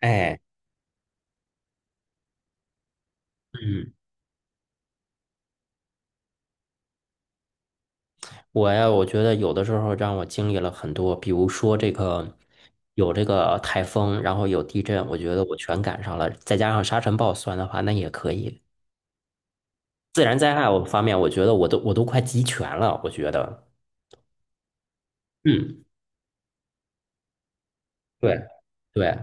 哎，嗯，我呀，我觉得有的时候让我经历了很多，比如说这个有这个台风，然后有地震，我觉得我全赶上了，再加上沙尘暴算的话，那也可以。自然灾害我方面，我觉得我都快集全了，我觉得，嗯，对对，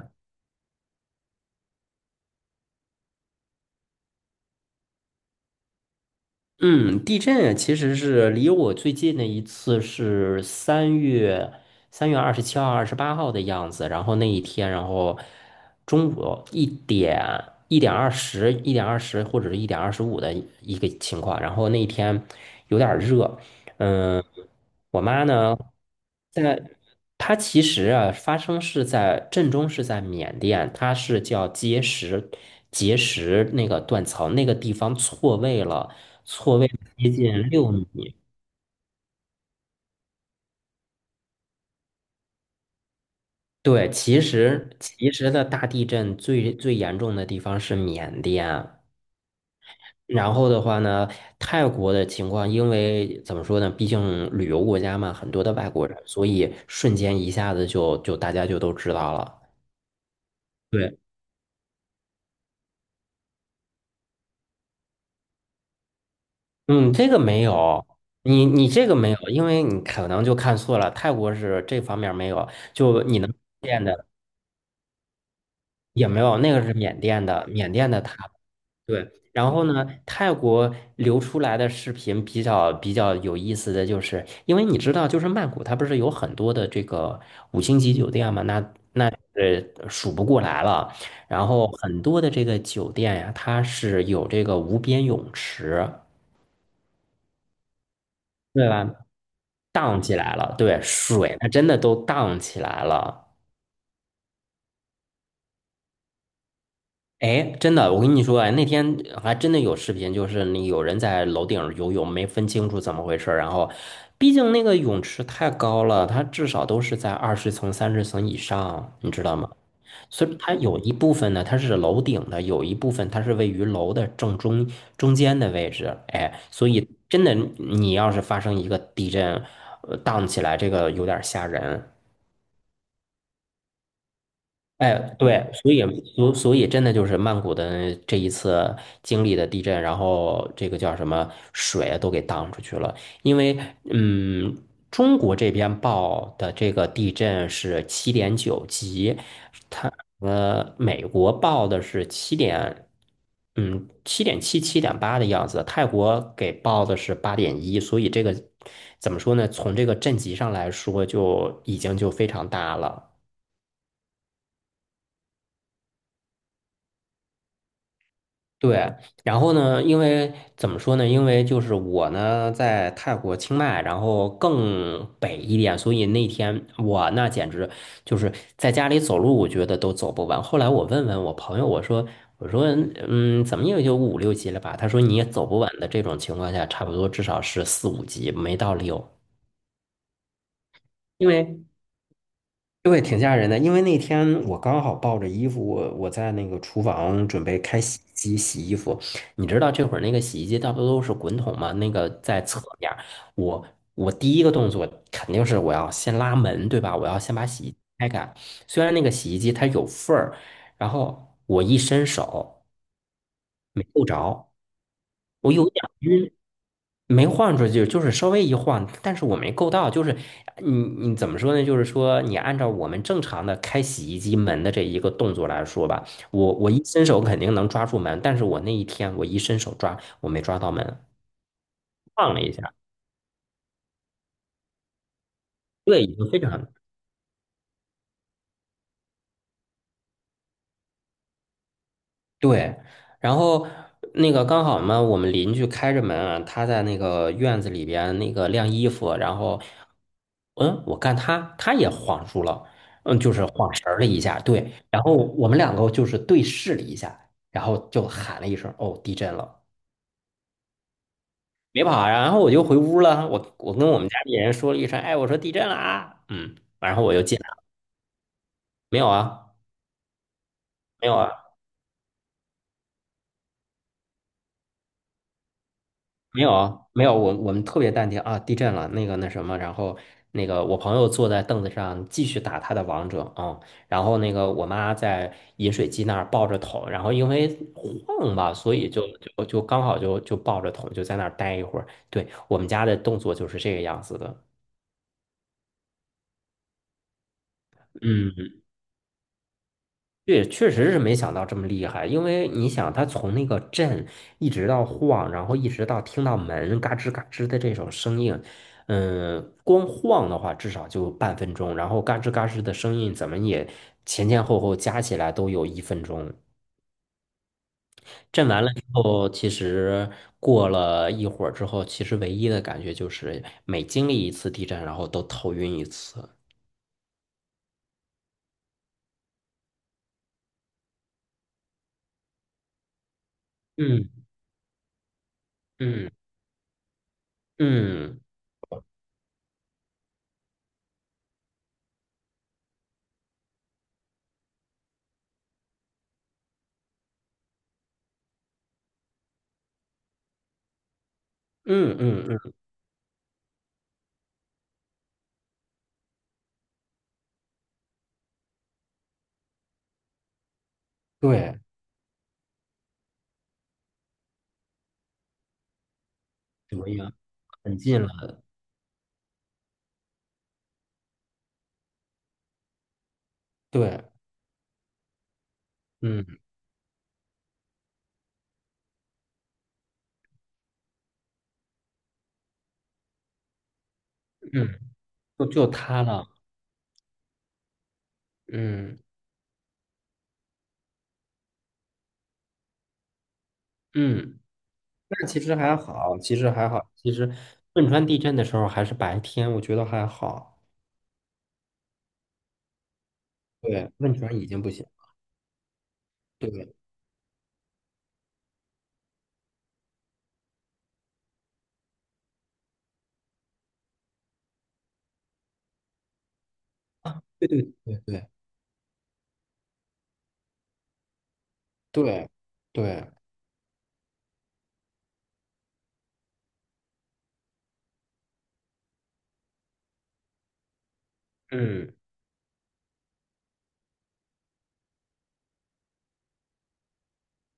嗯，地震啊其实是离我最近的一次是三月二十七号、二十八号的样子。然后那一天，然后中午一点二十、一点二十或者是1:25的一个情况。然后那一天有点儿热，嗯，我妈呢，在她其实啊，发生是在震中是在缅甸，它是叫结石那个断层那个地方错位了。位接近六米。对，其实大地震最严重的地方是缅甸，然后的话呢，泰国的情况，因为怎么说呢，毕竟旅游国家嘛，很多的外国人，所以瞬间一下子就大家就都知道了。对，嗯，这个没有，你这个没有，因为你可能就看错了，泰国是这方面没有，就你能也没有，那个是缅甸的，缅甸的它对，然后呢，泰国流出来的视频比较有意思的就是，因为你知道，就是曼谷它不是有很多的这个五星级酒店嘛，那那数不过来了。然后很多的这个酒店呀，它是有这个无边泳池，对吧？荡起来了，对，水它真的都荡起来了。哎，真的，我跟你说，哎，那天还真的有视频，就是那有人在楼顶儿游泳，没分清楚怎么回事儿。然后，毕竟那个泳池太高了，它至少都是在20层、30层以上，你知道吗？所以它有一部分呢，它是楼顶的，有一部分它是位于楼的中间的位置。哎，所以真的，你要是发生一个地震，荡起来，这个有点儿吓人。哎，对，所以真的就是曼谷的这一次经历的地震，然后这个叫什么水都给荡出去了，因为嗯，中国这边报的这个地震是7.9级，它美国报的是七点七、七点八的样子，泰国给报的是8.1，所以这个怎么说呢？从这个震级上来说，就已经就非常大了。对，然后呢，因为怎么说呢？因为就是我呢在泰国清迈，然后更北一点，所以那天我那简直就是在家里走路，我觉得都走不完。后来我问问我朋友，我说怎么也就5、6级了吧？他说你也走不完的这种情况下，差不多至少是4、5级，没到六。因为对，挺吓人的，因为那天我刚好抱着衣服，我在那个厨房准备开洗衣机洗衣服。你知道这会儿那个洗衣机大多都是滚筒嘛？那个在侧面儿我我第一个动作肯定是我要先拉门，对吧？我要先把洗衣机开开。虽然那个洗衣机它有缝儿，然后我一伸手没够着，我有点没晃出去，就是稍微一晃，但是我没够到，就是你你怎么说呢？就是说你按照我们正常的开洗衣机门的这一个动作来说吧，我一伸手肯定能抓住门，但是我那一天我一伸手抓，我没抓到门，晃了一下，对，已经非常对，然后那个刚好嘛，我们邻居开着门啊，他在那个院子里边那个晾衣服，然后，我看他也晃住了，就是晃神儿了一下，对，然后我们两个就是对视了一下，然后就喊了一声，哦，地震了，别跑啊，然后我就回屋了，我跟我们家里人说了一声，哎，我说地震了啊，然后我就进来了，没有啊，没有啊。没有啊，没有，我们特别淡定啊，地震了，那个那什么，然后那个我朋友坐在凳子上继续打他的王者啊，然后那个我妈在饮水机那儿抱着桶，然后因为晃吧，所以就刚好就抱着桶就在那儿待一会儿。对，我们家的动作就是这个样子的，嗯。对，确实是没想到这么厉害，因为你想，他从那个震一直到晃，然后一直到听到门嘎吱嘎吱的这种声音，光晃的话至少就半分钟，然后嘎吱嘎吱的声音怎么也前前后后加起来都有1分钟。震完了之后，其实过了一会儿之后，其实唯一的感觉就是每经历一次地震，然后都头晕一次。嗯嗯嗯嗯嗯嗯，对，怎么样？很近了。对，嗯嗯，就他了，嗯嗯，那其实还好，其实还好，其实汶川地震的时候还是白天，我觉得还好。对，汶川已经不行。对对对对对对对，嗯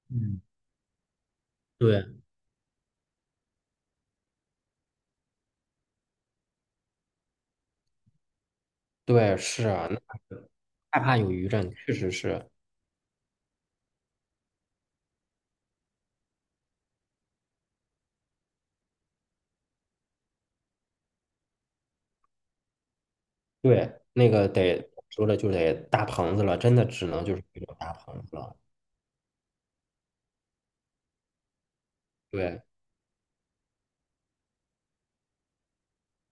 嗯，对对是啊，那个害怕有余震，确实是。对，那个得说了就得搭棚子了，真的只能就是那种搭棚子了。对。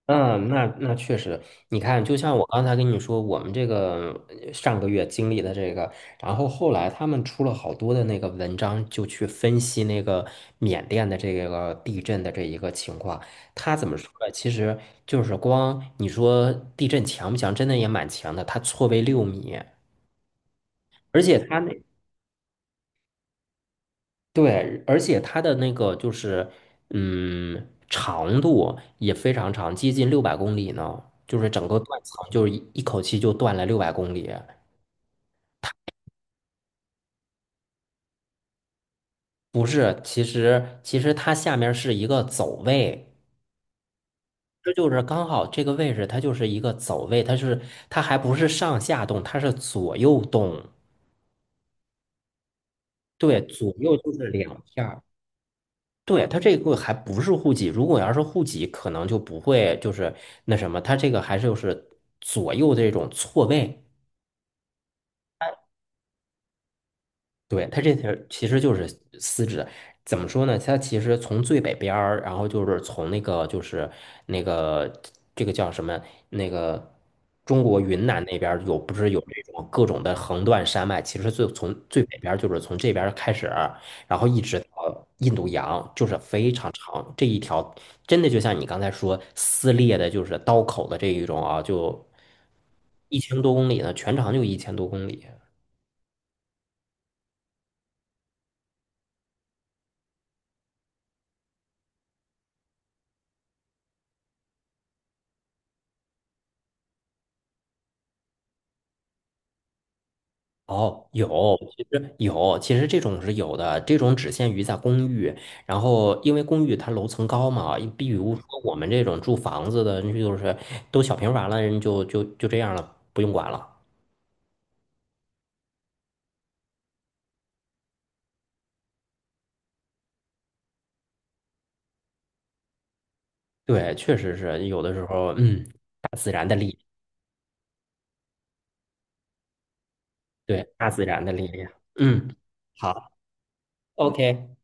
嗯，那确实，你看，就像我刚才跟你说，我们这个上个月经历的这个，然后后来他们出了好多的那个文章，就去分析那个缅甸的这个地震的这一个情况。他怎么说呢？其实就是光你说地震强不强，真的也蛮强的，它错位六米，而且它那对，而且它的那个就是，长度也非常长，接近六百公里呢。就是整个断层，就是一口气就断了六百公里。不是，其实它下面是一个走位，这就是刚好这个位置，它就是一个走位，它还不是上下动，它是左右动。对，左右就是两片。对，它这个还不是户籍，如果要是户籍，可能就不会就是那什么，它这个还是就是左右这种错位。对，它这条其实就是丝质，怎么说呢？它其实从最北边儿，然后就是从那个就是那个这个叫什么那个中国云南那边儿有不是有这种各种的横断山脉？其实从最北边儿就是从这边儿开始，然后一直到印度洋，就是非常长这一条，真的就像你刚才说撕裂的，就是刀口的这一种啊，就一千多公里呢，全长就一千多公里。哦，有，其实有，其实这种是有的，这种只限于在公寓。然后，因为公寓它楼层高嘛，比如说我们这种住房子的，就是都小平房了，人就这样了，不用管了。对，确实是有的时候，大自然的力，对，大自然的力量。嗯，好，OK。